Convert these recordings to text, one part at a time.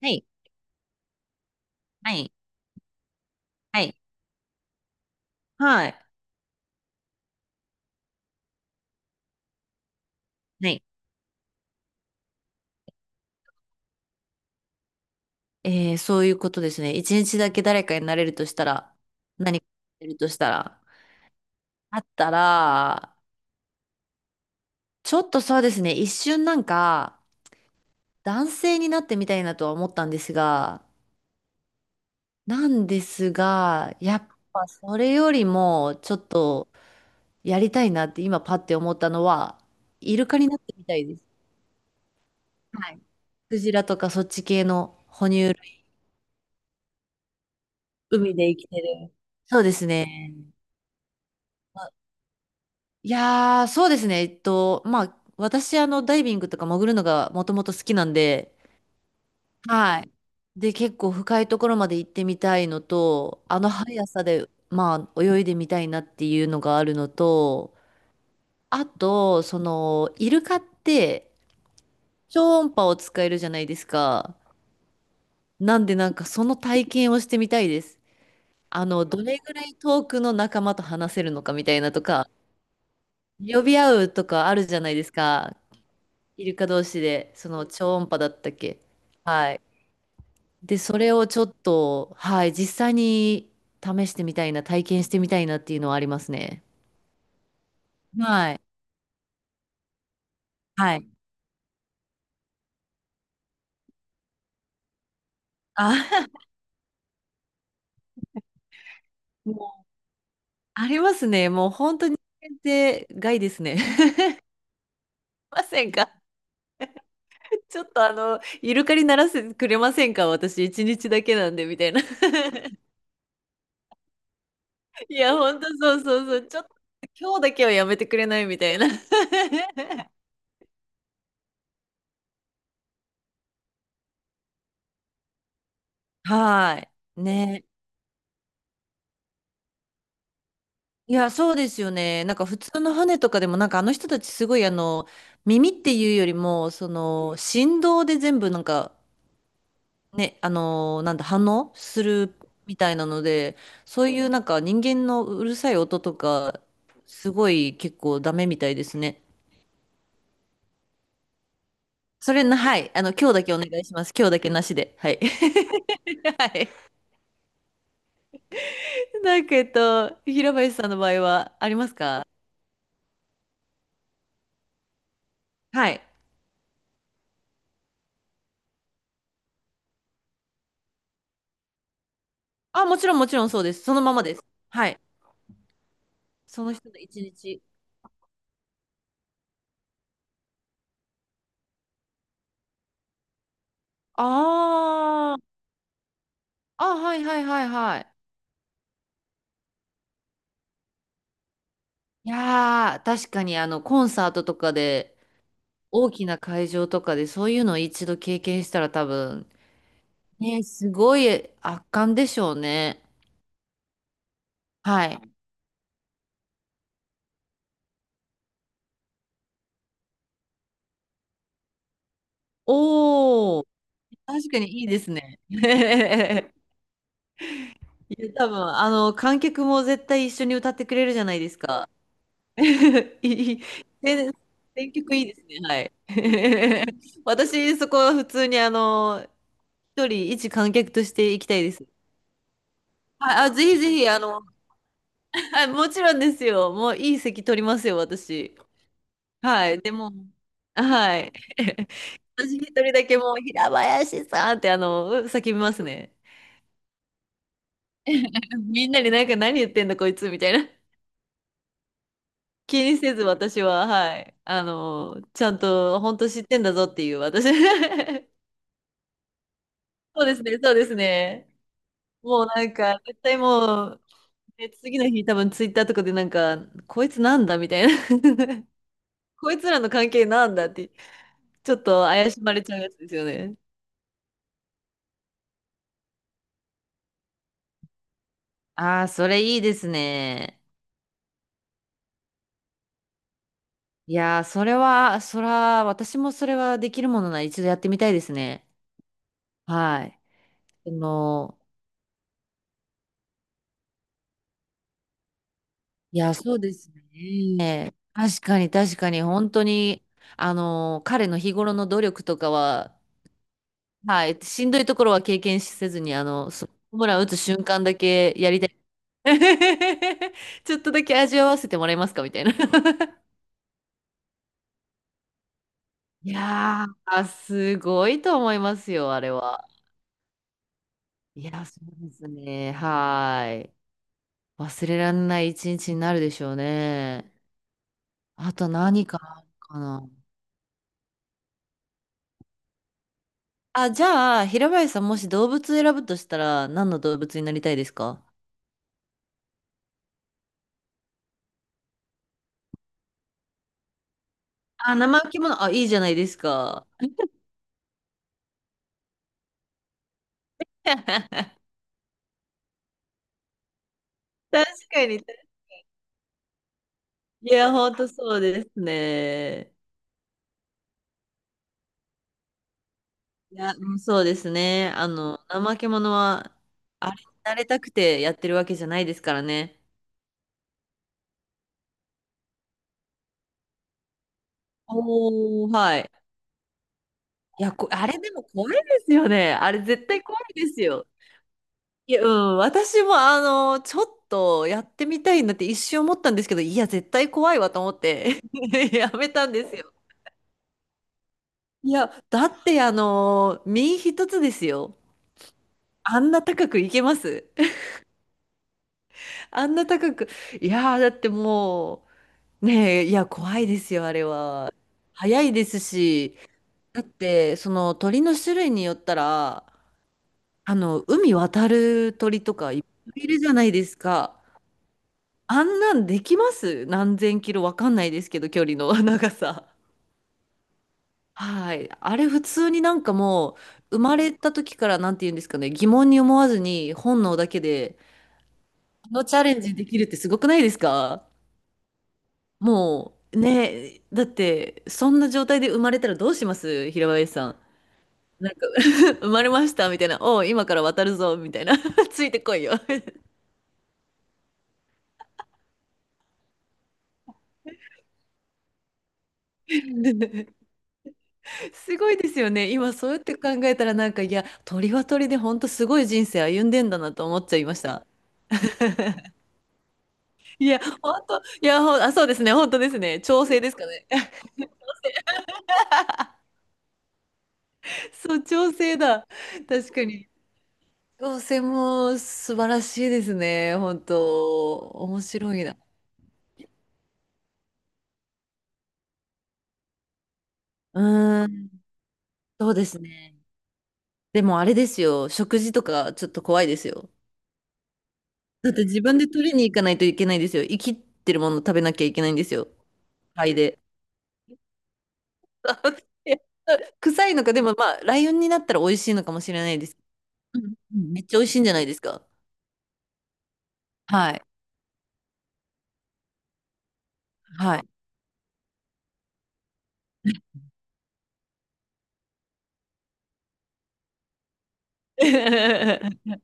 はい。はい。はい。はい。はい。そういうことですね。一日だけ誰かになれるとしたら、何かなれるとしたら、あったら、ちょっとそうですね、一瞬なんか、男性になってみたいなとは思ったんですが、やっぱそれよりも、ちょっとやりたいなって今パッて思ったのは、イルカになってみたいです。はい。クジラとかそっち系の哺乳類、海で生きてる。そうですね。いやー、そうですね。まあ、私、ダイビングとか潜るのがもともと好きなんで、はい。で、結構深いところまで行ってみたいのと、あの速さで、まあ、泳いでみたいなっていうのがあるのと、あと、その、イルカって、超音波を使えるじゃないですか。なんで、なんか、その体験をしてみたいです。どれぐらい遠くの仲間と話せるのかみたいなとか、呼び合うとかあるじゃないですか。イルカ同士で、その超音波だったっけ。はい。で、それをちょっと、はい、実際に試してみたいな、体験してみたいなっていうのはありますね。はい。はい。あ、もう、ありますね。もう本当に限定外ですね。ませんかちょっとイルカにならせてくれませんか私、一日だけなんで、みたいな。いや、本当そうそうそう。ちょっと、今日だけはやめてくれないみたいな。はい。ね。いや、そうですよね。なんか普通の船とかでも、なんかあの人たちすごい耳っていうよりも、その、振動で全部なんか、ね、あの、なんだ、反応するみたいなので、そういうなんか人間のうるさい音とか、すごい結構ダメみたいですね。それな、はい。今日だけお願いします。今日だけなしで。はい。はい。なんか、平林さんの場合はありますか？はい。あ、もちろん、もちろんそうです。そのままです。はい。その人の一日。あーあ、はいはいはいはい。いやー、確かにコンサートとかで、大きな会場とかで、そういうのを一度経験したら多分、ね、すごい圧巻でしょうね。はい。おー、確かにいいですね。いや、多分、観客も絶対一緒に歌ってくれるじゃないですか。いい、ね選曲いいですね。はい。私、そこは普通に一人一観客として行きたいです。はい、あ、ぜひぜひ、はい、もちろんですよ。もういい席取りますよ、私。はい、でも、はい。私一人だけもう、平林さんって叫びますね。みんなになんか何言ってんだこいつみたいな。気にせず私は、はい。ちゃんと本当知ってんだぞっていう私。そうですね、そうですね。もうなんか、絶対もう、で次の日多分ツイッターとかでなんか、こいつなんだみたいな こいつらの関係なんだって、ちょっと怪しまれちゃうやつですよね。ああ、それいいですね。いやー、それは、そら、私もそれはできるものなら一度やってみたいですね。はい。あの、いや、そうですね。確かに、確かに、本当に、彼の日頃の努力とかは、はい、しんどいところは経験せずに、ホームラン打つ瞬間だけやりたい。ちょっとだけ味わわせてもらえますかみたいな いやー、すごいと思いますよ、あれは。いや、そうですね。はい。忘れられない一日になるでしょうね。あと何かあるかな。あ、じゃあ、平林さん、もし動物選ぶとしたら、何の動物になりたいですか？あ、生き物、あ、いいじゃないですか。確かに。いや、ほんとそうですね。いや、うんそうですね。怠け者は、あれになれたくてやってるわけじゃないですからね。おー、はい。いや、あれでも怖いですよね。あれ絶対怖いですよ。いや、うん、私もちょっとやってみたいなって一瞬思ったんですけど、いや、絶対怖いわと思って やめたんですよ。いや、だって身一つですよ。あんな高くいけます あんな高く。いやー、だってもう、ねえ、いや、怖いですよ、あれは。早いですし、だって、その鳥の種類によったら、海渡る鳥とかいっぱいいるじゃないですか。あんなんできます何千キロわかんないですけど、距離の 長さ。はい。あれ普通になんかもう、生まれた時からなんて言うんですかね、疑問に思わずに本能だけで、このチャレンジできるってすごくないですか？もう、ねえ、だって、そんな状態で生まれたらどうします平林さん。なんか、生まれましたみたいな、おう、今から渡るぞみたいな、ついてこいよ。すごいですよね。今、そうやって考えたら、なんか、いや、鳥は鳥で、本当すごい人生歩んでんだなと思っちゃいました。いや、本当、いや、あ、そうですね、本当ですね。調整ですかね。そう、調整だ。確かに。調整も素晴らしいですね。本当、面白いな。うーん、そうですね。でも、あれですよ、食事とか、ちょっと怖いですよ。だって自分で取りに行かないといけないですよ。生きてるもの食べなきゃいけないんですよ。肺で。臭いのか、でもまあ、ライオンになったら美味しいのかもしれないです。うんうんめっちゃ美味しいんじゃないですか。はい。はい。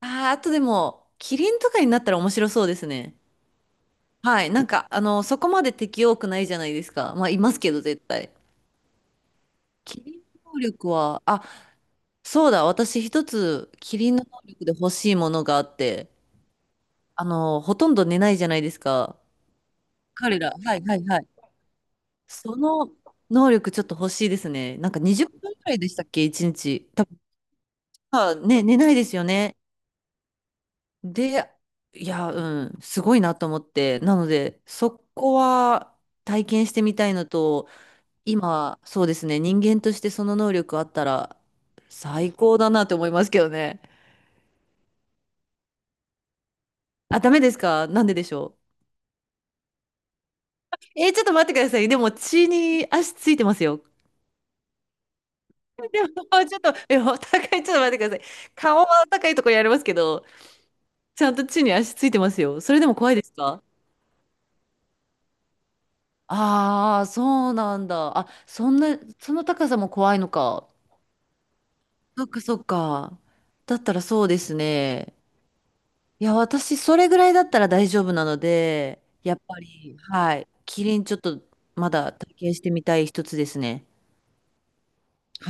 あー、あとでも、キリンとかになったら面白そうですね。はい。なんか、そこまで敵多くないじゃないですか。まあ、いますけど、絶対。キリンの能力は、あ、そうだ、私一つ、キリンの能力で欲しいものがあって、ほとんど寝ないじゃないですか。彼ら。はいはいはい。その能力ちょっと欲しいですね。なんか20分くらいでしたっけ、1日。多分、まあね、寝ないですよね。で、いや、うん、すごいなと思って。なので、そこは体験してみたいのと、今、そうですね、人間としてその能力あったら最高だなと思いますけどね。あ、ダメですかなんででしょう。えーちょっと待ってください。でも血に足ついてますよ。でも、ちょっと、え、お互いちょっと待ってください。顔は高いところやりますけど、ちゃんと地に足ついてますよ。それでも怖いですか？ああー、そうなんだ。あ、そんな、その高さも怖いのか。そっかそっか。だったらそうですね。いや、私、それぐらいだったら大丈夫なので、やっぱり、はい。キリンちょっと、まだ体験してみたい一つですね。